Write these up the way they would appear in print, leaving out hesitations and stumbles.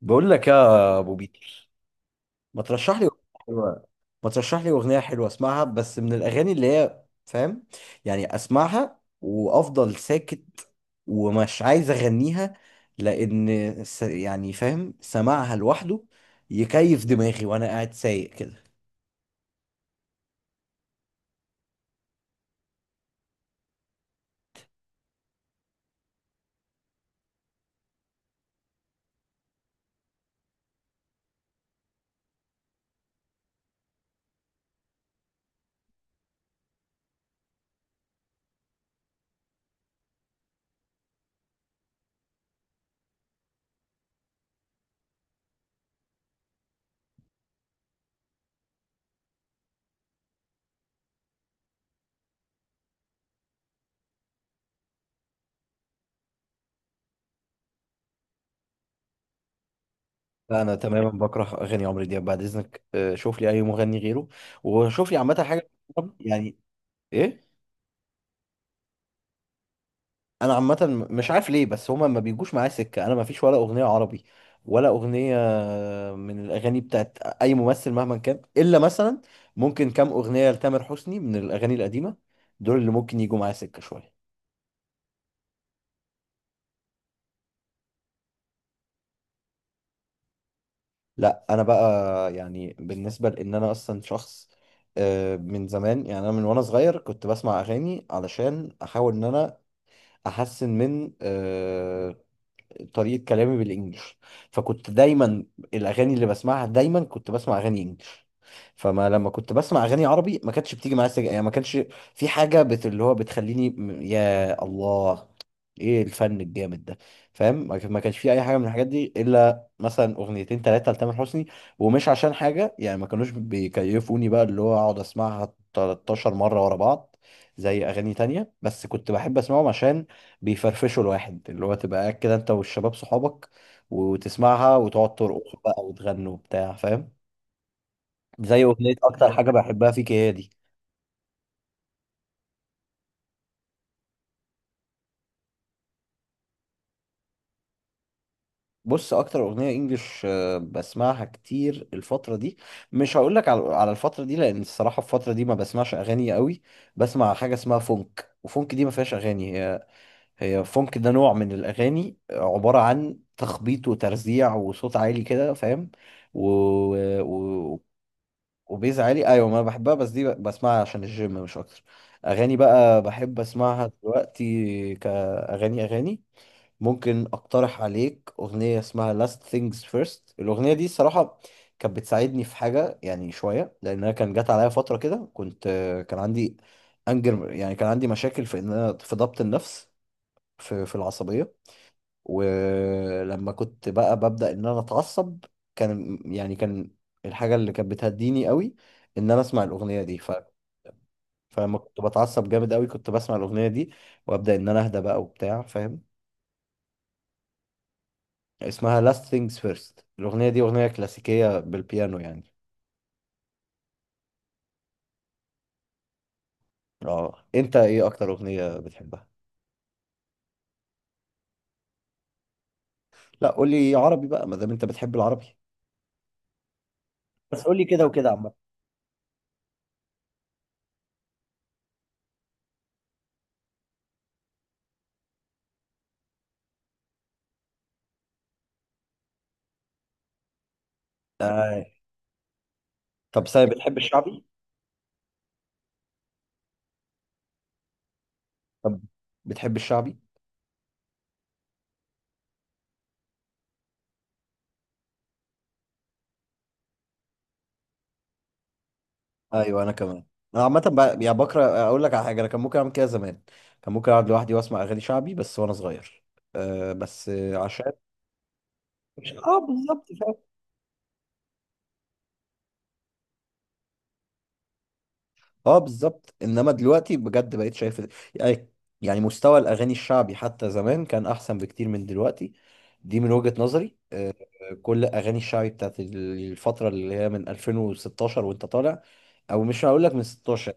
بقول لك يا ابو بيتر، ما ترشح لي أغنية حلوه ما ترشح لي اغنيه حلوه اسمعها بس من الاغاني اللي هي، فاهم؟ يعني اسمعها وافضل ساكت، ومش عايز اغنيها لان س... يعني فاهم سماعها لوحده يكيف دماغي وانا قاعد سايق كده. لا، انا تماما بكره اغاني عمرو دياب بعد اذنك. شوف لي اي مغني غيره، وشوف لي عامه حاجه. يعني ايه؟ انا عامه مش عارف ليه، بس هما ما بيجوش معايا سكه. انا ما فيش ولا اغنيه عربي، ولا اغنيه من الاغاني بتاعت اي ممثل مهما كان، الا مثلا ممكن كام اغنيه لتامر حسني من الاغاني القديمه، دول اللي ممكن يجوا معايا سكه شويه. لا، انا بقى يعني بالنسبه لان انا اصلا شخص من زمان. يعني انا من وانا صغير كنت بسمع اغاني علشان احاول ان انا احسن من طريقة كلامي بالانجلش، فكنت دايما الاغاني اللي بسمعها دايما كنت بسمع اغاني انجلش. فما لما كنت بسمع اغاني عربي ما كانتش بتيجي معايا سكه، يعني ما كانش في حاجة اللي هو بتخليني يا الله، ايه الفن الجامد ده. فاهم؟ ما كانش في اي حاجة من الحاجات دي، الا مثلا اغنيتين ثلاثة لتامر حسني. ومش عشان حاجة يعني، ما كانوش بيكيفوني بقى اللي هو اقعد اسمعها 13 مرة ورا بعض زي اغاني تانية، بس كنت بحب اسمعهم عشان بيفرفشوا الواحد، اللي هو تبقى قاعد كده انت والشباب صحابك وتسمعها وتقعد ترقص بقى وتغنوا وبتاع. فاهم؟ زي اغنية اكتر حاجة بحبها فيك، هي دي. بص، اكتر اغنية انجلش بسمعها كتير الفترة دي، مش هقول لك على الفترة دي لان الصراحة الفترة دي ما بسمعش اغاني قوي. بسمع حاجة اسمها فونك، وفونك دي ما فيهاش اغاني. هي فونك ده نوع من الاغاني عبارة عن تخبيط وترزيع وصوت عالي كده، فاهم؟ و... و... وبيز عالي. ايوه، ما أنا بحبها، بس دي بسمعها عشان الجيم مش اكتر. اغاني بقى بحب اسمعها دلوقتي كاغاني اغاني، ممكن اقترح عليك اغنيه اسمها Last Things First. الاغنيه دي الصراحه كانت بتساعدني في حاجه يعني شويه، لانها كان جات عليا فتره كده كنت كان عندي انجر. يعني كان عندي مشاكل في ان انا في ضبط النفس، في العصبيه. ولما كنت بقى ببدأ ان انا اتعصب كان يعني كان الحاجة اللي كانت بتهديني قوي ان انا اسمع الاغنية دي. فلما كنت بتعصب جامد قوي كنت بسمع الاغنية دي وابدأ ان انا اهدى بقى وبتاع، فاهم؟ اسمها Last Things First، الاغنية دي اغنية كلاسيكية بالبيانو يعني. اه، انت ايه اكتر اغنية بتحبها؟ لا، قولي عربي بقى ما دام انت بتحب العربي، بس قولي كده وكده عامة. آه. طب سامي، بتحب الشعبي؟ طب بتحب الشعبي؟ ايوه، انا كمان. انا عامه يعني بكره اقول لك على حاجه، انا كان ممكن اعمل كده زمان، كان ممكن اقعد لوحدي واسمع اغاني شعبي بس وانا صغير، أه بس عشان اه بالظبط، فاهم. اه بالظبط، انما دلوقتي بجد بقيت شايف يعني، يعني مستوى الاغاني الشعبي حتى زمان كان احسن بكتير من دلوقتي، دي من وجهة نظري. كل اغاني الشعبي بتاعت الفتره اللي هي من 2016 وانت طالع، او مش هقول لك من 16،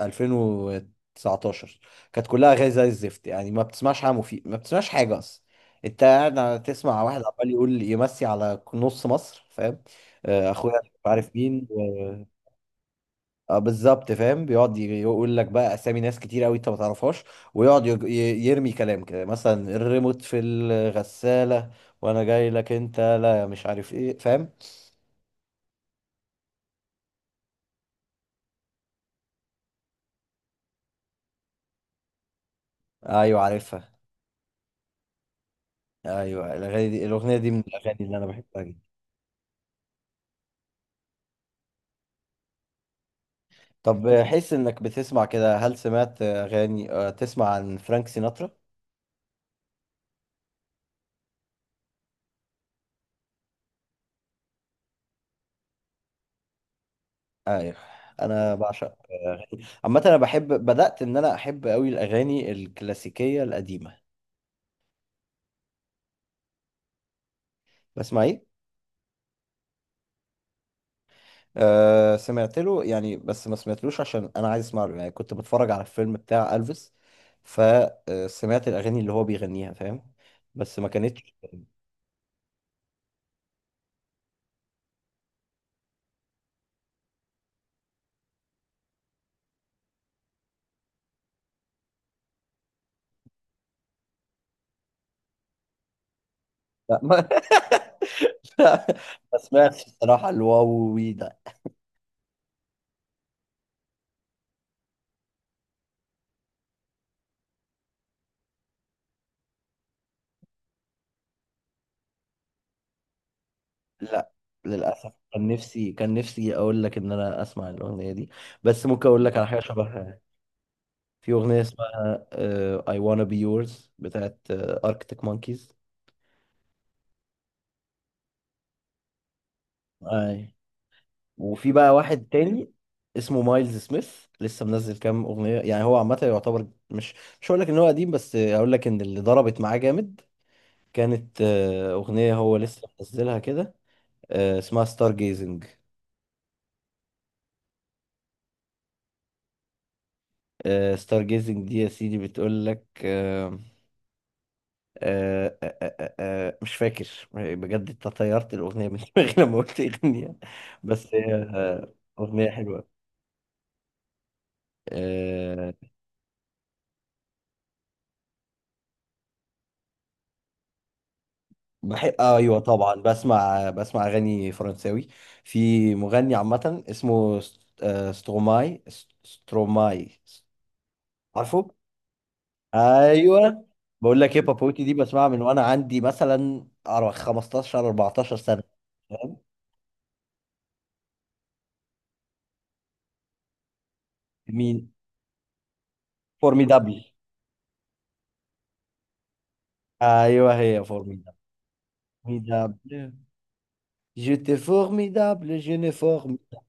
2019 كانت كلها اغاني زي الزفت. يعني ما بتسمعش حاجه مفيد، ما بتسمعش حاجه اصلا. انت قاعد تسمع واحد عمال يقول يمسي على نص مصر، فاهم؟ اخويا مش عارف مين اه بالظبط، فاهم. بيقعد يقول لك بقى اسامي ناس كتير قوي انت ما تعرفهاش، ويقعد يرمي كلام كده مثلا الريموت في الغساله، وانا جاي لك انت لا مش عارف ايه، فاهم؟ ايوه عارفها. ايوه الاغاني دي، الاغنيه دي من الاغاني اللي انا بحبها. طب حس انك بتسمع كده، هل سمعت اغاني تسمع عن فرانك سيناترا؟ ايوه، انا بعشق اغاني عامه. انا بحب، بدات ان انا احب قوي الاغاني الكلاسيكيه القديمه. بسمع ايه؟ أه، سمعت له يعني، بس ما سمعتلوش عشان انا عايز اسمع له يعني. كنت بتفرج على الفيلم بتاع الفيس، فسمعت الاغاني اللي هو بيغنيها، فاهم؟ بس ما كانتش. لا ما, لا. ما سمعتش الصراحه. وي. لا، للأسف. كان نفسي كان نفسي أقول لك إن أنا أسمع الأغنية دي، بس ممكن أقول لك على حاجة شبهها يعني. في أغنية اسمها I Wanna Be Yours بتاعت Arctic Monkeys. أي، وفي بقى واحد تاني اسمه مايلز سميث، لسه منزل كام أغنية. يعني هو عامة يعتبر مش، مش هقول لك إن هو قديم، بس هقول لك إن اللي ضربت معاه جامد كانت أغنية هو لسه منزلها كده، اسمها ستار جيزنج. ستار جيزنج دي يا سيدي بتقول لك آه آه آه آه آه، مش فاكر بجد، انت طيرت الأغنية من دماغي لما قلت أغنية. بس هي أغنية حلوة. آه. بحب، أيوة طبعا، بسمع أغاني فرنساوي. في مغني عامة اسمه ستروماي، ستروماي. عارفه؟ أيوة. بقول لك إيه، بابوتي دي بسمعها من وأنا عندي مثلا أر- 15 14 سنة، فاهم؟ مين؟ فورميدابل. أيوة هي، فورميدابل، جيت فورميدابل، جيني فورميدابل.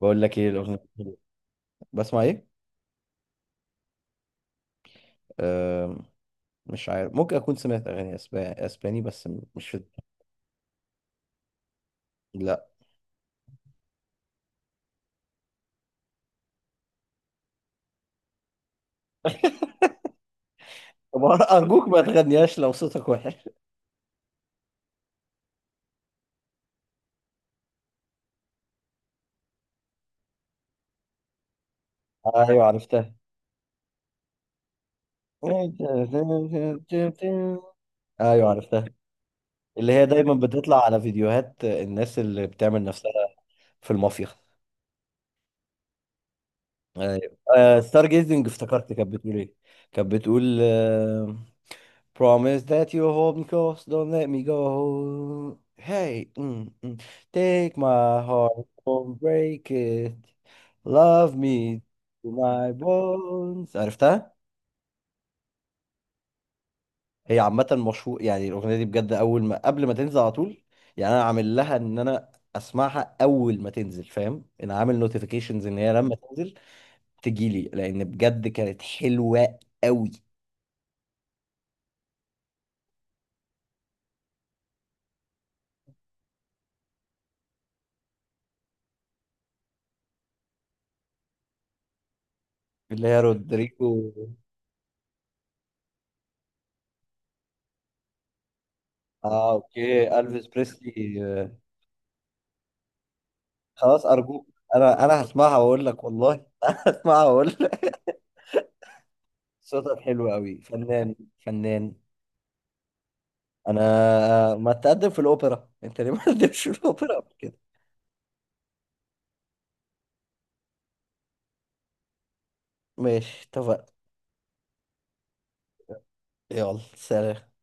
بقول لك ايه الاغنيه دي؟ بسمع ايه؟ أه، مش عارف، ممكن اكون سمعت اغاني اسباني، اسباني، بس مش في دماغي. لا. طب ارجوك ما تغنيهاش لو صوتك وحش. ايوه عرفتها. ايوه عرفتها، اللي هي دايما بتطلع على فيديوهات الناس اللي بتعمل نفسها في المافيا. ايوه. آه ستار جيزنج، افتكرت كانت بتقول ايه. كانت بتقول آه، Promise that you hold me close, don't let me go. Hey, mm, mm. Take my heart, don't break it. Love me to my bones. عرفتها؟ هي عامة مشهور يعني الأغنية دي بجد. أول ما، قبل ما تنزل على طول يعني، أنا عامل لها إن أنا أسمعها أول ما تنزل، فاهم؟ أنا عامل نوتيفيكيشنز إن هي لما تنزل تجيلي، لأن بجد كانت حلوة أوي. اللي هي رودريجو. آه أوكي، ألفيس بريسلي. خلاص أرجوك، أنا، أنا هسمعها وأقول لك، والله انا هسمعها وأقول لك. صوتك حلو أوي، فنان فنان. أنا، ما تقدم في الأوبرا؟ أنت ليه ما تقدمش في الأوبرا قبل كده؟ ماشي اتفقنا. يلا سلام.